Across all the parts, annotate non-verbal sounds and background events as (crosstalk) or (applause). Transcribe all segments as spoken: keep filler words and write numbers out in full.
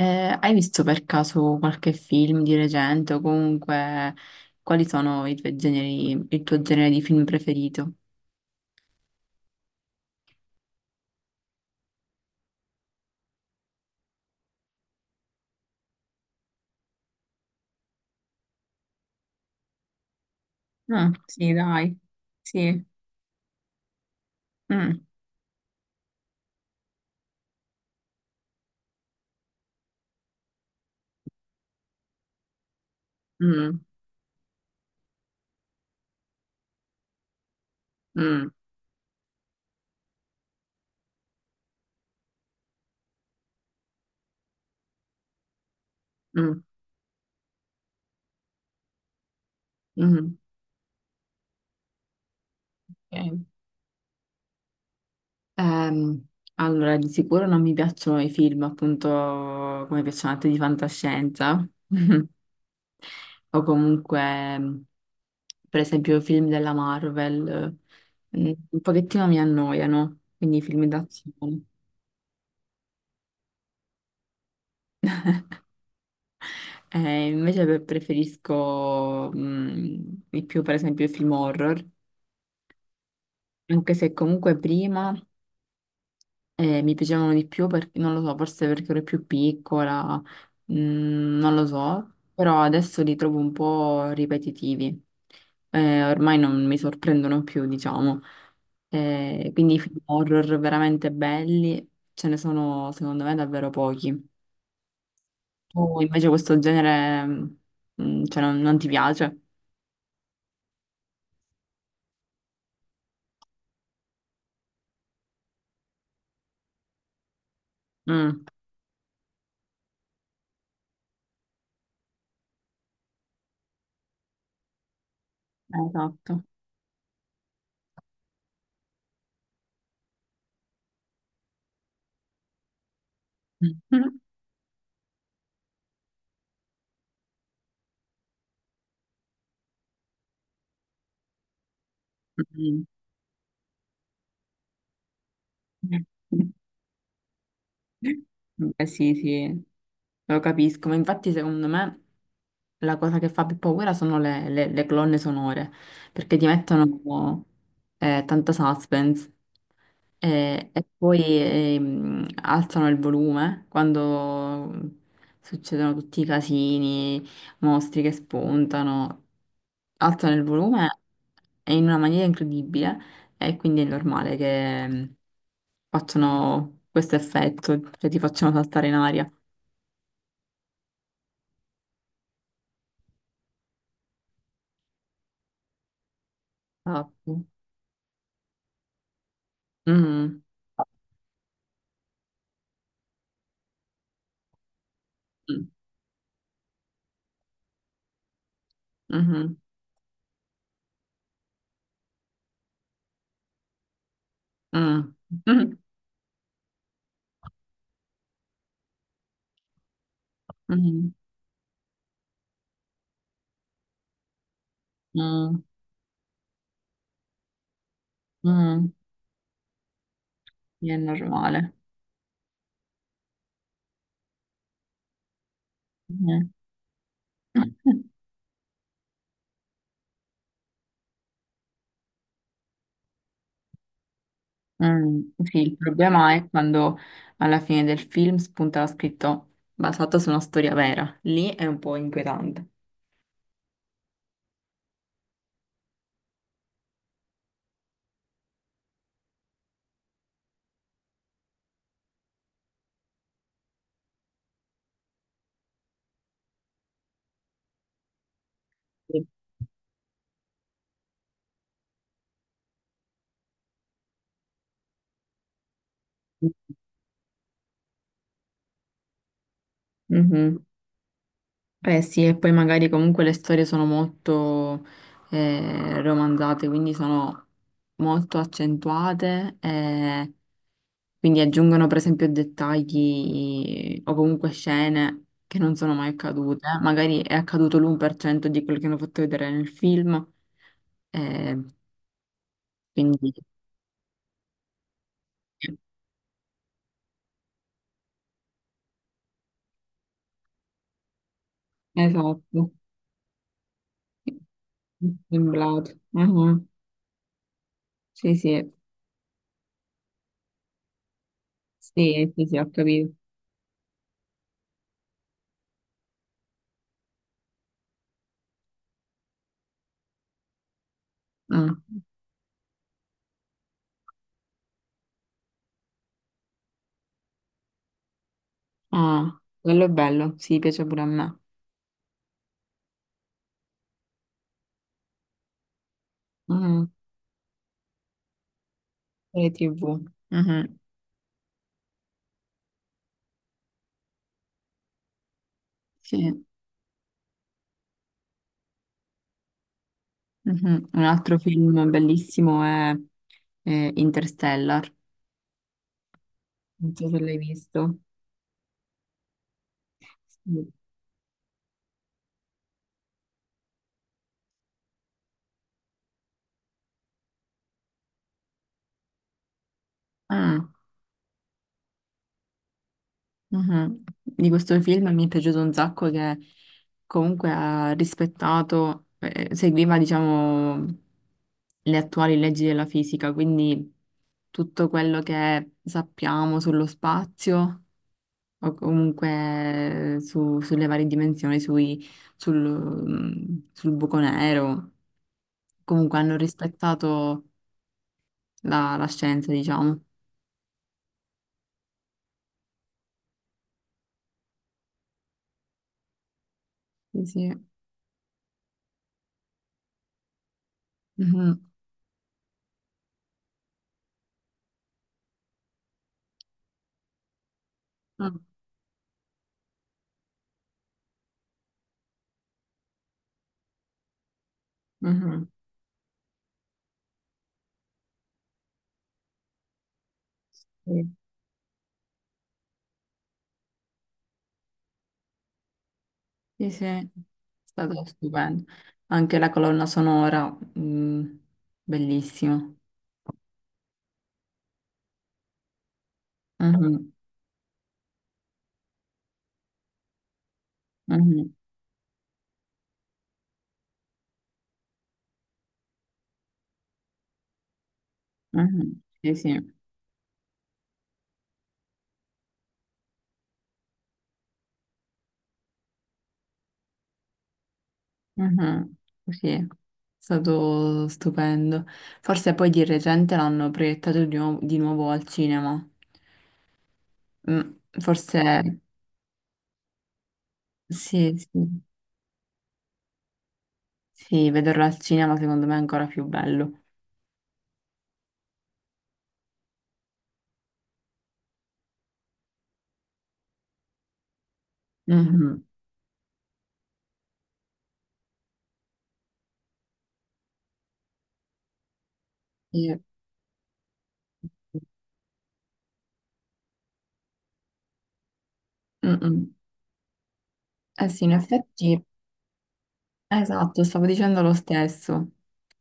Eh, hai visto per caso qualche film di recente o comunque quali sono i tuoi generi, il tuo genere di film preferito? Ah, sì, dai, sì. Mm, mm, mm, mm, mm. Ok. Ehm, allora, di sicuro non mi piacciono i film, appunto, come piacciono a te di fantascienza (laughs) o comunque, mh, per esempio, i film della Marvel, eh, mh, un pochettino mi annoiano, quindi i film d'azione. Eh, invece pre- preferisco mm, di più, per esempio, i film horror, anche se comunque prima eh, mi piacevano di più perché, non lo so, forse perché ero più piccola, mm, non lo so, però adesso li trovo un po' ripetitivi. Eh, ormai non mi sorprendono più, diciamo. Eh, quindi i film horror veramente belli ce ne sono, secondo me, davvero pochi. Tu invece questo genere, mm, cioè, non, non ti piace? Mm. Eh, esatto. (laughs) Mm. Beh, sì, sì, lo capisco, ma infatti secondo me la cosa che fa più paura sono le, le- le colonne sonore, perché ti mettono eh, tanta suspense eh, e poi ehm, alzano il volume quando succedono tutti i casini, mostri che spuntano, alzano il volume e in una maniera incredibile e quindi è normale che... facciano questo effetto, cioè ti facciano saltare in aria. Ah, mm, mm, mm, mm, mm, mm, mm, mm. Sì, è normale. Mm. (laughs) Mm, sì, il problema è quando alla fine del film spunta scritto basato su una storia vera. Lì è un po' inquietante. Sì. Mhm. Eh sì, e poi magari comunque le storie sono molto eh, romanzate, quindi sono molto accentuate e quindi aggiungono per esempio dettagli o comunque scene che non sono mai accadute. Magari è accaduto l'uno per cento di quello che hanno fatto vedere nel film, eh, quindi... Esatto, sembrato. Mhm. Sì, sì, sì, sì, sì, ho capito. Mm. Ah, quello è bello, sì, piace pure a me. Mm, serie tivù. Mhm, sì. Mhm. Un altro film bellissimo è, eh, Interstellar. Non so se l'hai visto. Sì. Ah, mhm. Di questo film mi è piaciuto un sacco che comunque ha rispettato, eh, seguiva, diciamo, le attuali leggi della fisica, quindi tutto quello che sappiamo sullo spazio. O comunque su- sulle varie dimensioni, sui- sul, mm, sul buco nero. Comunque hanno rispettato la, la scienza, diciamo. Sì, sì. Mhm. Mm. Mhm. Sì, sì, sì. È stato stupendo. Anche la colonna sonora, mm, bellissima. Mhm. Mhm. Mhm. Sì, sì. Mhm, sì, è stato stupendo. Forse poi di recente l'hanno proiettato di nuovo, di nuovo al cinema. Mm, forse sì, sì, sì, vederlo al cinema secondo me è ancora più bello. Mhm, sì. Mm-mm. Eh sì, in effetti, esatto, stavo dicendo lo stesso.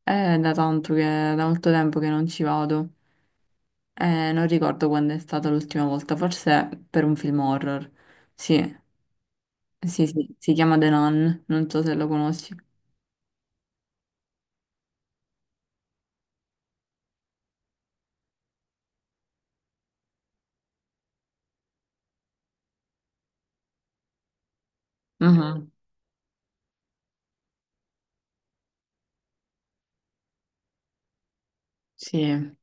È da tanto che, da molto tempo che non ci vado. Eh, non ricordo quando è stata l'ultima volta, forse per un film horror. Sì. Sì, sì, si chiama The Nun, non so se lo conosci. Mhm, sì,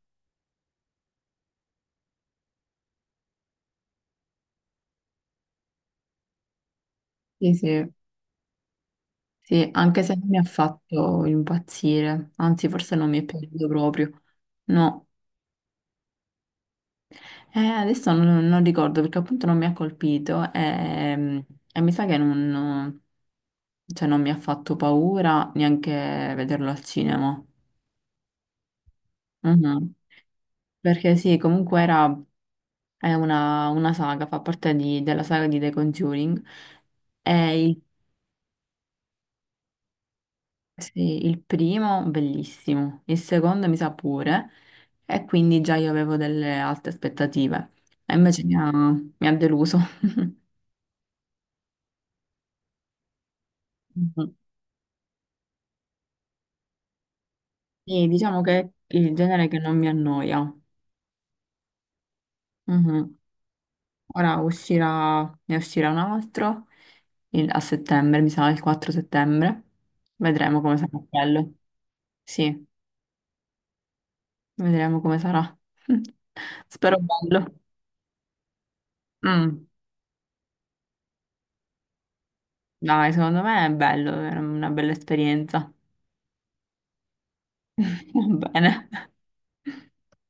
sì, sì, sì, anche se non mi ha fatto impazzire, anzi forse non mi è piaciuto proprio. No, Eh, adesso non, non ricordo perché appunto non mi ha colpito ehm, e, mi sa che non, no, cioè, non mi ha fatto paura neanche vederlo al cinema. Mhm. Perché sì, comunque era, è una, una saga, fa parte di- della saga di The Conjuring. E sì, il primo bellissimo, il secondo mi sa pure, e quindi già io avevo delle alte aspettative, e invece mi ha, mi ha deluso. (laughs) Mhm. Sì, diciamo che è il genere che non mi annoia. Mhm. Ora uscirà, ne uscirà un altro il- a settembre, mi sa il quattro settembre. Vedremo come sarà bello. Sì, vedremo come sarà. (laughs) Spero bello. Mm, dai, secondo me è bello, è una bella esperienza. (laughs) Va bene.